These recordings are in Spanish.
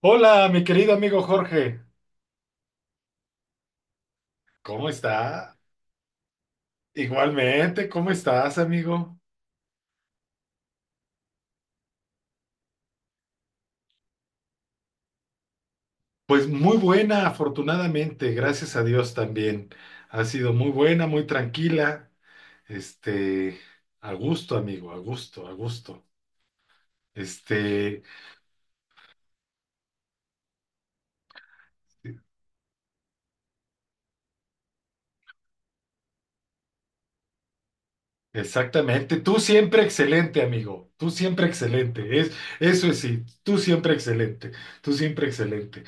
Hola, mi querido amigo Jorge. ¿Cómo está? Igualmente, ¿cómo estás, amigo? Pues muy buena, afortunadamente, gracias a Dios también. Ha sido muy buena, muy tranquila. Este, a gusto, amigo, a gusto, a gusto. Este, Exactamente, tú siempre excelente, amigo, tú siempre excelente, eso es sí, tú siempre excelente, tú siempre excelente.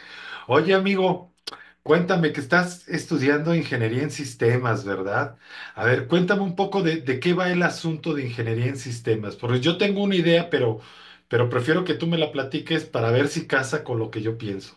Oye, amigo, cuéntame que estás estudiando ingeniería en sistemas, ¿verdad? A ver, cuéntame un poco de qué va el asunto de ingeniería en sistemas, porque yo tengo una idea, pero prefiero que tú me la platiques para ver si casa con lo que yo pienso.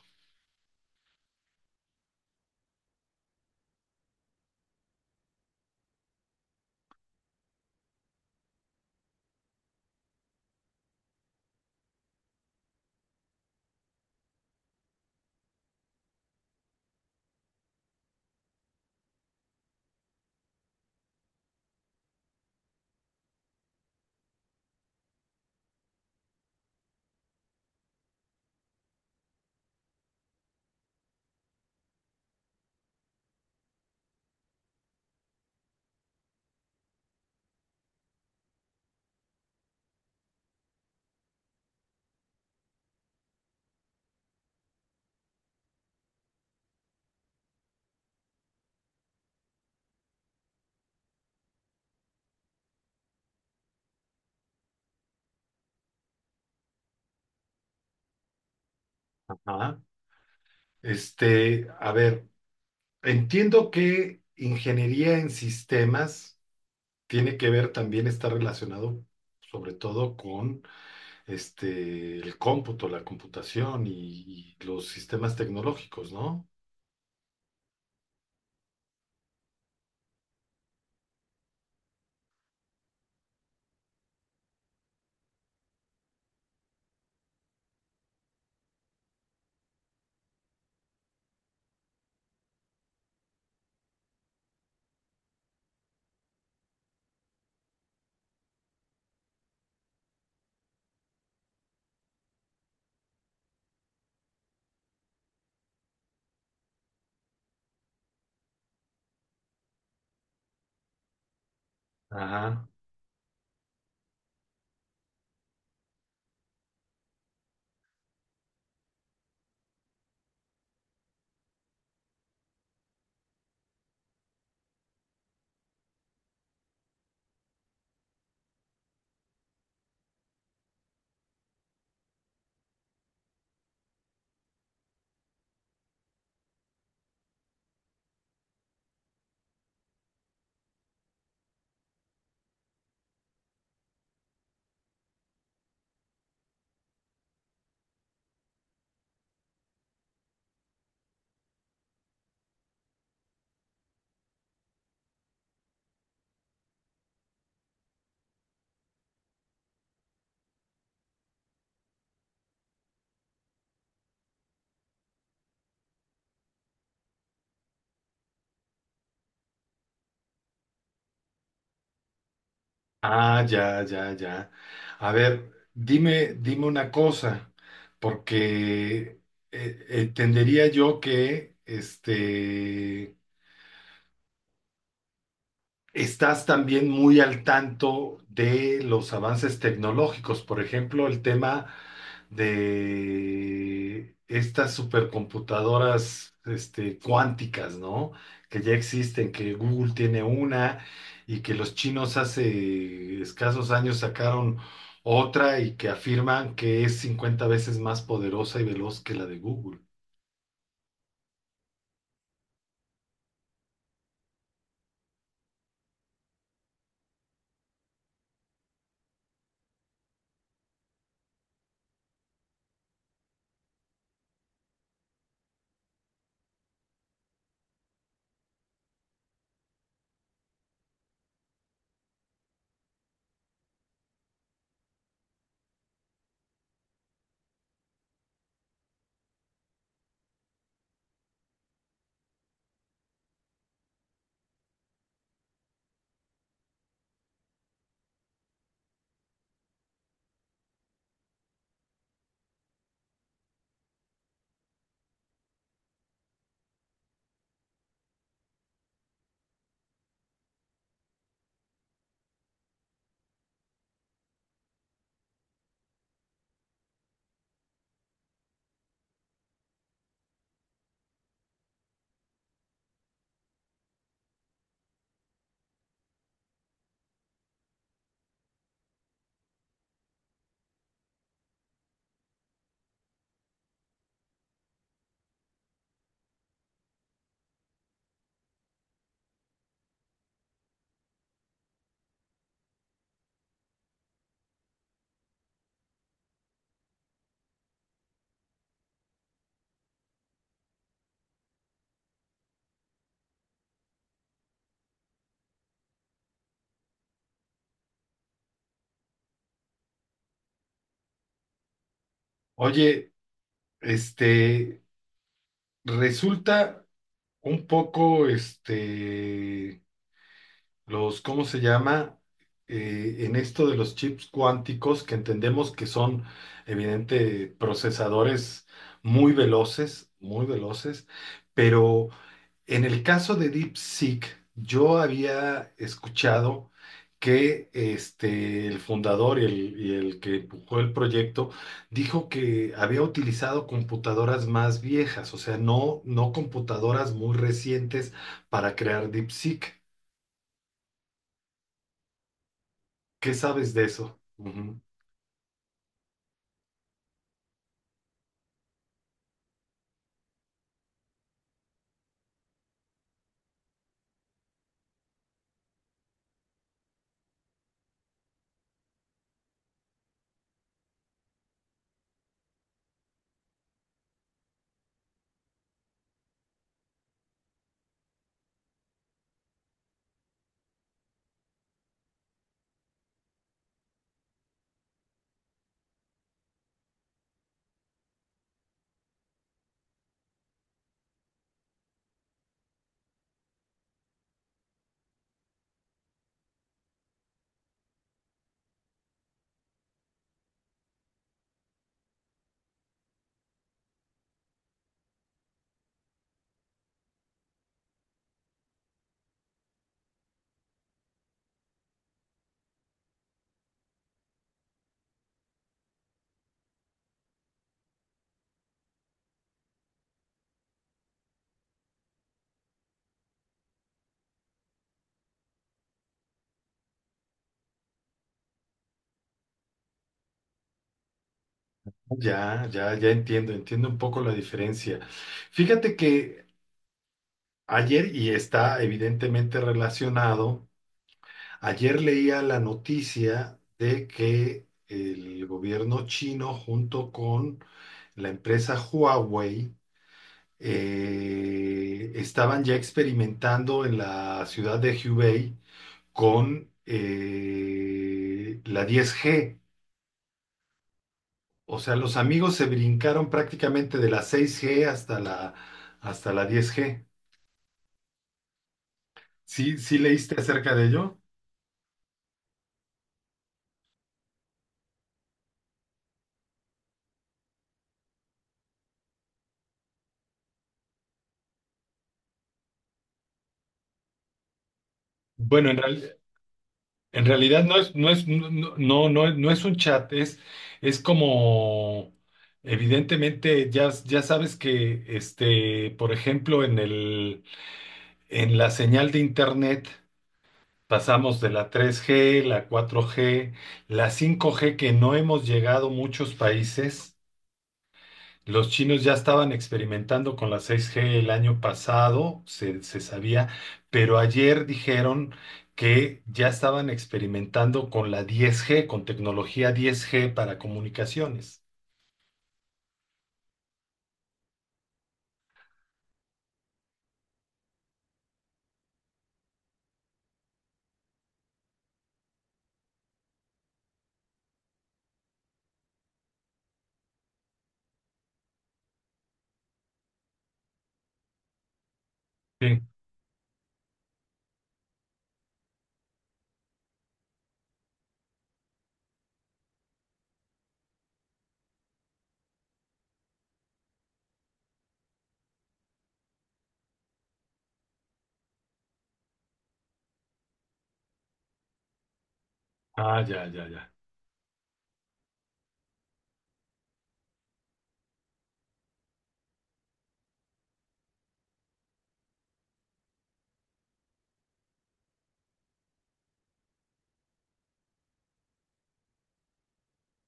Ajá. A ver, entiendo que ingeniería en sistemas tiene que ver también, está relacionado sobre todo con este, el cómputo, la computación y los sistemas tecnológicos, ¿no? Ajá. Ah, ya, ya, ya. A ver, dime una cosa, porque entendería yo que este estás también muy al tanto de los avances tecnológicos, por ejemplo, el tema de estas supercomputadoras, este, cuánticas, ¿no? Que ya existen, que Google tiene una y que los chinos hace escasos años sacaron otra y que afirman que es 50 veces más poderosa y veloz que la de Google. Oye, este, resulta un poco, este, los, ¿cómo se llama? En esto de los chips cuánticos, que entendemos que son, evidente, procesadores muy veloces, pero en el caso de DeepSeek, yo había escuchado que este, el fundador y y el que empujó el proyecto dijo que había utilizado computadoras más viejas, o sea, no computadoras muy recientes para crear DeepSeek. ¿Qué sabes de eso? Ujú. Ya, ya, ya entiendo, entiendo un poco la diferencia. Fíjate que ayer, y está evidentemente relacionado, ayer leía la noticia de que el gobierno chino junto con la empresa Huawei estaban ya experimentando en la ciudad de Hubei con la 10G. O sea, los amigos se brincaron prácticamente de la 6G hasta hasta la 10G. ¿Sí, sí leíste acerca de ello? Bueno, en realidad no es, no es, no, no, no es un chat, es como, evidentemente, ya, ya sabes que, este, por ejemplo, en en la señal de internet pasamos de la 3G, la 4G, la 5G, que no hemos llegado muchos países. Los chinos ya estaban experimentando con la 6G el año pasado, se sabía, pero ayer dijeron que ya estaban experimentando con la 10G, con tecnología 10G para comunicaciones. Sí. Ah, ya, ya, ya.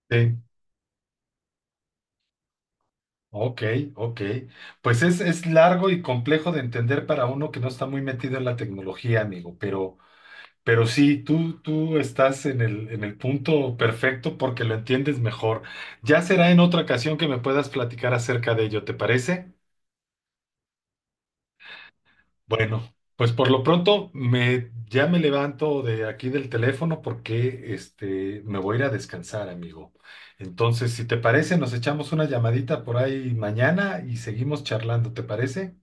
Sí. Ok, ok. Pues es largo y complejo de entender para uno que no está muy metido en la tecnología, amigo, pero sí, tú estás en en el punto perfecto porque lo entiendes mejor. Ya será en otra ocasión que me puedas platicar acerca de ello, ¿te parece? Bueno, pues por lo pronto ya me levanto de aquí del teléfono porque este, me voy a ir a descansar, amigo. Entonces, si te parece, nos echamos una llamadita por ahí mañana y seguimos charlando, ¿te parece?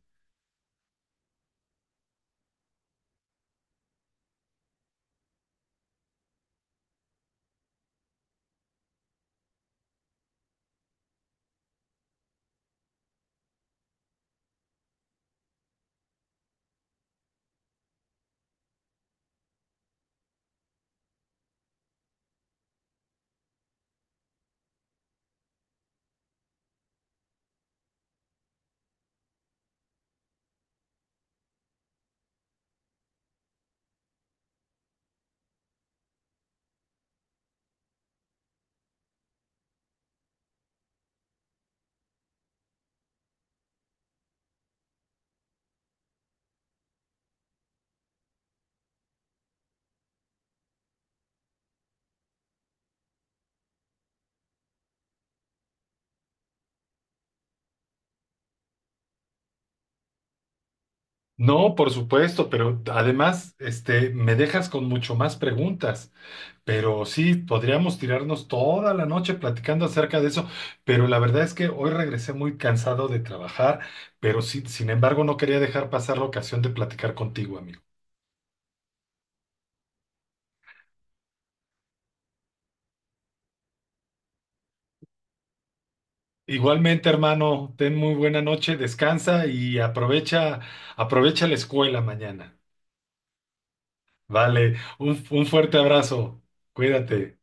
No, por supuesto, pero además, este, me dejas con mucho más preguntas. Pero sí, podríamos tirarnos toda la noche platicando acerca de eso, pero la verdad es que hoy regresé muy cansado de trabajar, pero sí, sin embargo, no quería dejar pasar la ocasión de platicar contigo, amigo. Igualmente, hermano, ten muy buena noche, descansa y aprovecha, aprovecha la escuela mañana. Vale, un fuerte abrazo. Cuídate.